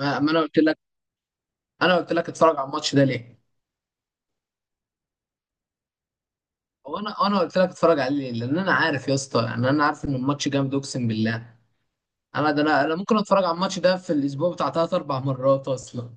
ما انا قلت لك، انا قلت لك اتفرج على الماتش ده ليه؟ هو انا قلت لك اتفرج عليه ليه؟ لان انا عارف يا اسطى، يعني انا عارف ان الماتش جامد اقسم بالله. انا ده انا انا ممكن اتفرج على الماتش ده في الاسبوع بتاع ثلاث اربع مرات اصلا.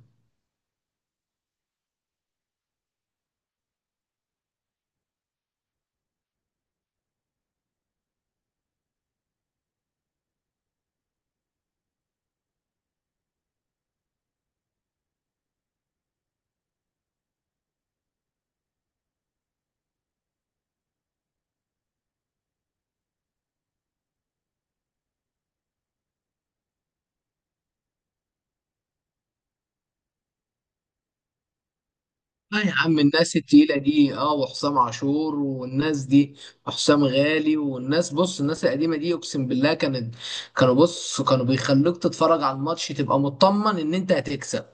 لا يا عم، الناس التقيله دي، وحسام عاشور والناس دي، وحسام غالي والناس، بص الناس القديمه دي اقسم بالله كانت كانوا بص كانوا بيخلوك تتفرج على الماتش تبقى مطمن ان انت هتكسب.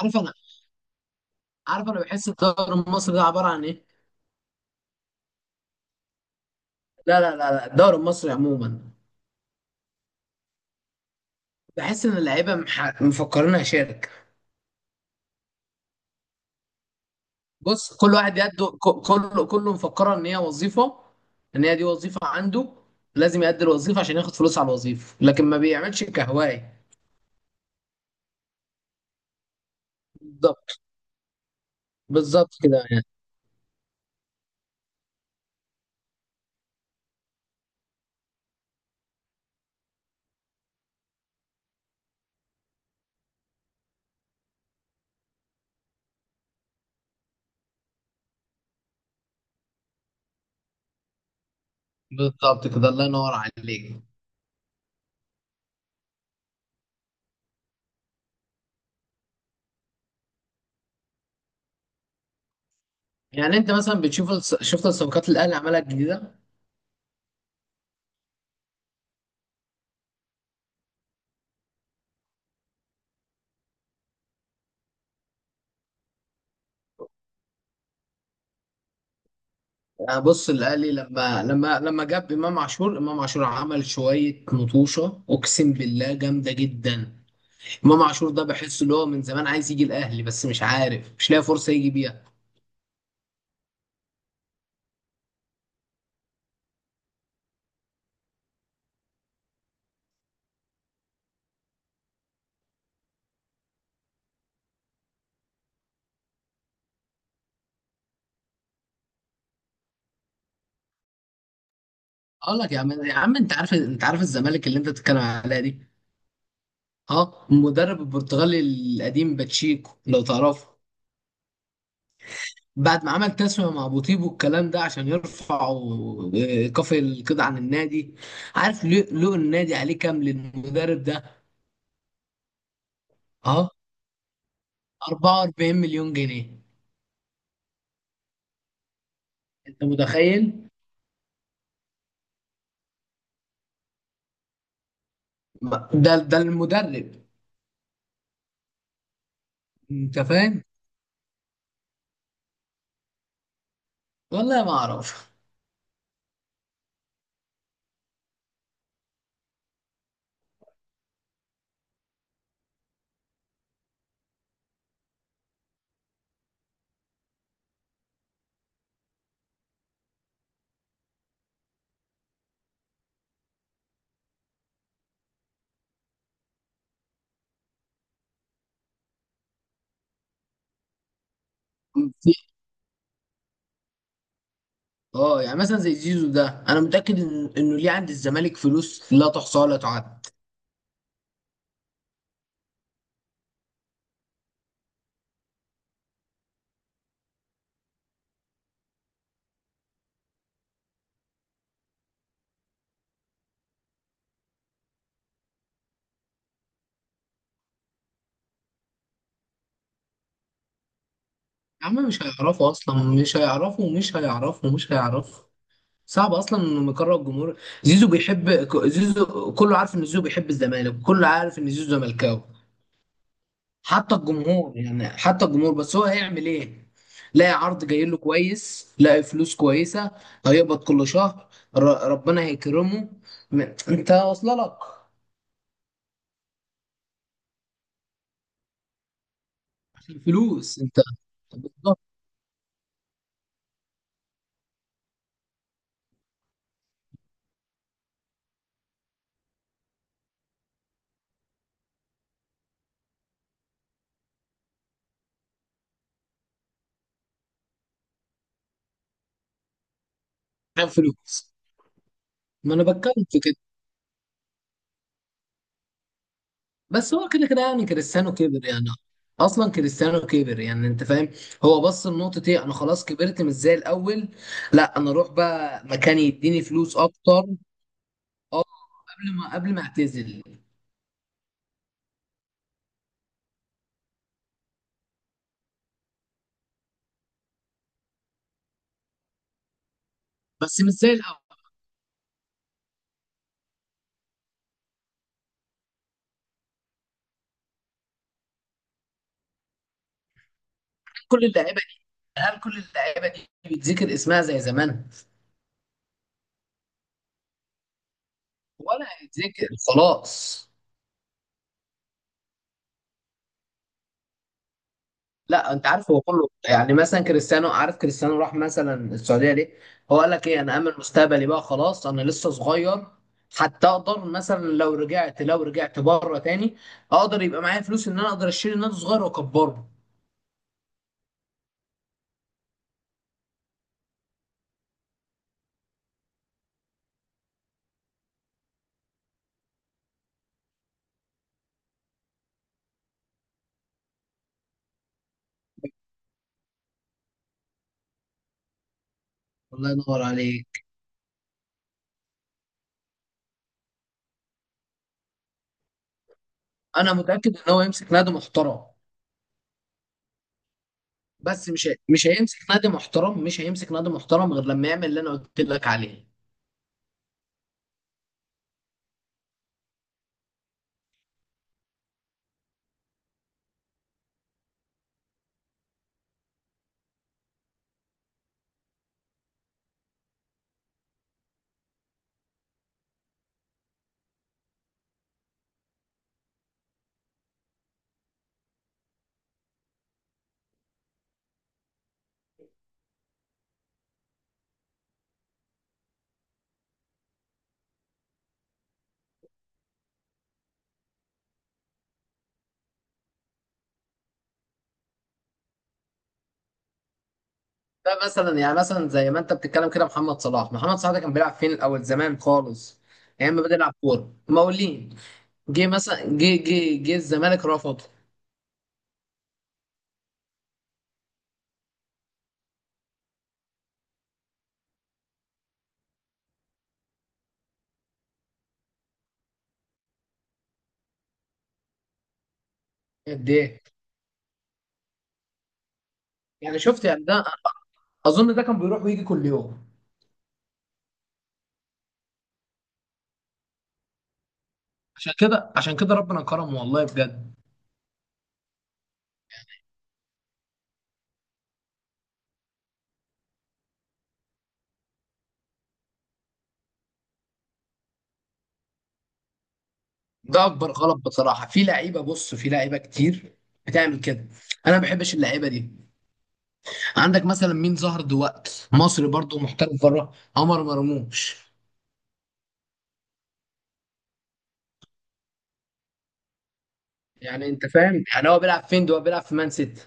عارف انا عارف انا بحس الدوري المصري ده عباره عن ايه. لا لا لا لا، الدوري المصري عموما بحس ان اللعيبه مفكرينها شركه. بص كل واحد كله مفكره ان هي وظيفه، ان هي دي وظيفه عنده، لازم يأدي الوظيفه عشان ياخد فلوس على الوظيفه، لكن ما بيعملش كهوايه. بالظبط. بالظبط كده يعني. بالظبط كده، الله ينور عليك. يعني انت مثلا بتشوف شفت الصفقات اللي الاهلي عملها الجديده. يعني بص الاهلي لما جاب امام عاشور، امام عاشور عمل شويه نطوشه اقسم بالله جامده جدا. امام عاشور ده بحس اللي هو من زمان عايز يجي الاهلي، بس مش عارف، مش لاقي فرصه يجي بيها. اقول لك يا عم، يا عم انت عارف الزمالك اللي انت بتتكلم عليها دي. ها المدرب البرتغالي القديم باتشيكو، لو تعرفه، بعد ما عمل تسوية مع بوتيبو الكلام ده عشان يرفعوا كفر القيد عن النادي، عارف لو النادي عليه كام للمدرب ده؟ اه، 44 مليون جنيه. انت متخيل؟ ده المدرب. انت فاهم، والله ما اعرف. اه، يعني مثلا زي زيزو ده، انا متاكد انه ليه عند الزمالك فلوس لا تحصى ولا تعد. يا عم مش هيعرفوا اصلا، مش هيعرفوا، مش هيعرفوا، مش هيعرفوا. صعب اصلا انه يقرر الجمهور. زيزو بيحب زيزو، كله عارف ان زيزو بيحب الزمالك، كله عارف ان زيزو زملكاوي حتى الجمهور، يعني حتى الجمهور. بس هو هيعمل ايه؟ لاقي عرض جاي له كويس، لاقي فلوس كويسه، هيقبض كل شهر، ربنا هيكرمه. م- انت واصله لك. عشان فلوس انت. كان فلوس. ما انا بتكلم في كده، بس هو كده كده يعني كريستيانو كبر يعني، اصلا كريستيانو كبر يعني انت فاهم. هو بص لنقطة ايه، انا خلاص كبرت مش زي الاول، لا انا اروح بقى مكان يديني فلوس اكتر. اه، قبل ما اعتزل. بس مش زي الاول. كل اللعيبة دي، هل كل اللعيبة دي بيتذكر اسمها زي زمان، ولا هيتذكر؟ خلاص. لا انت عارف هو كله، يعني مثلا كريستيانو، عارف كريستيانو راح مثلا السعوديه ليه؟ هو قال لك ايه، انا امن مستقبلي بقى خلاص، انا لسه صغير، حتى اقدر مثلا لو رجعت، لو رجعت بره تاني اقدر يبقى معايا فلوس ان انا اقدر اشيل نادي صغير واكبره. الله ينور عليك. انا متاكد ان هو يمسك نادي محترم، بس مش هيمسك نادي محترم، مش هيمسك نادي محترم غير لما يعمل اللي انا قلت لك عليه. ده مثلا، يعني مثلا زي ما انت بتتكلم كده، محمد صلاح، محمد صلاح ده كان بيلعب فين الاول زمان خالص؟ ايام ما بدأ يلعب كوره مقاولين. جه مثلا، جه الزمالك رفضه. قد ايه؟ يعني شفت يعني، ده اظن ده كان بيروح ويجي كل يوم. عشان كده، عشان كده ربنا كرمه والله بجد. ده اكبر غلط بصراحه، في لعيبه، بص في لعيبه كتير بتعمل كده، انا ما بحبش اللعيبه دي. عندك مثلا مين ظهر دلوقتي مصري برضه محترف بره؟ عمر مرموش. يعني انت فاهم يعني هو بيلعب فين ده، هو بيلعب في مان سيتي.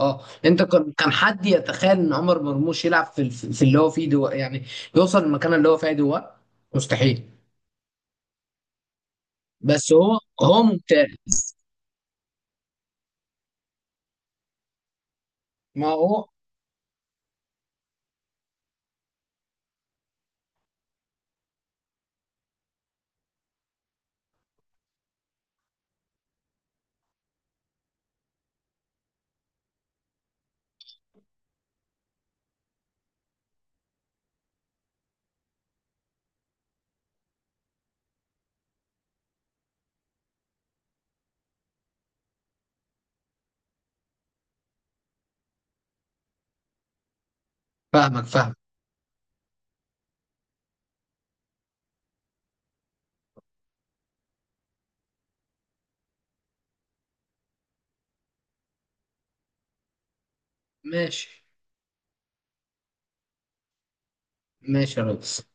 اه، انت كان حد يتخيل ان عمر مرموش يلعب في اللي هو فيه دو يعني، يوصل للمكان اللي هو فيه دو؟ مستحيل. بس هو هو ممتاز. ما هو. فاهمك فاهمك. ماشي. ماشي يا ريس.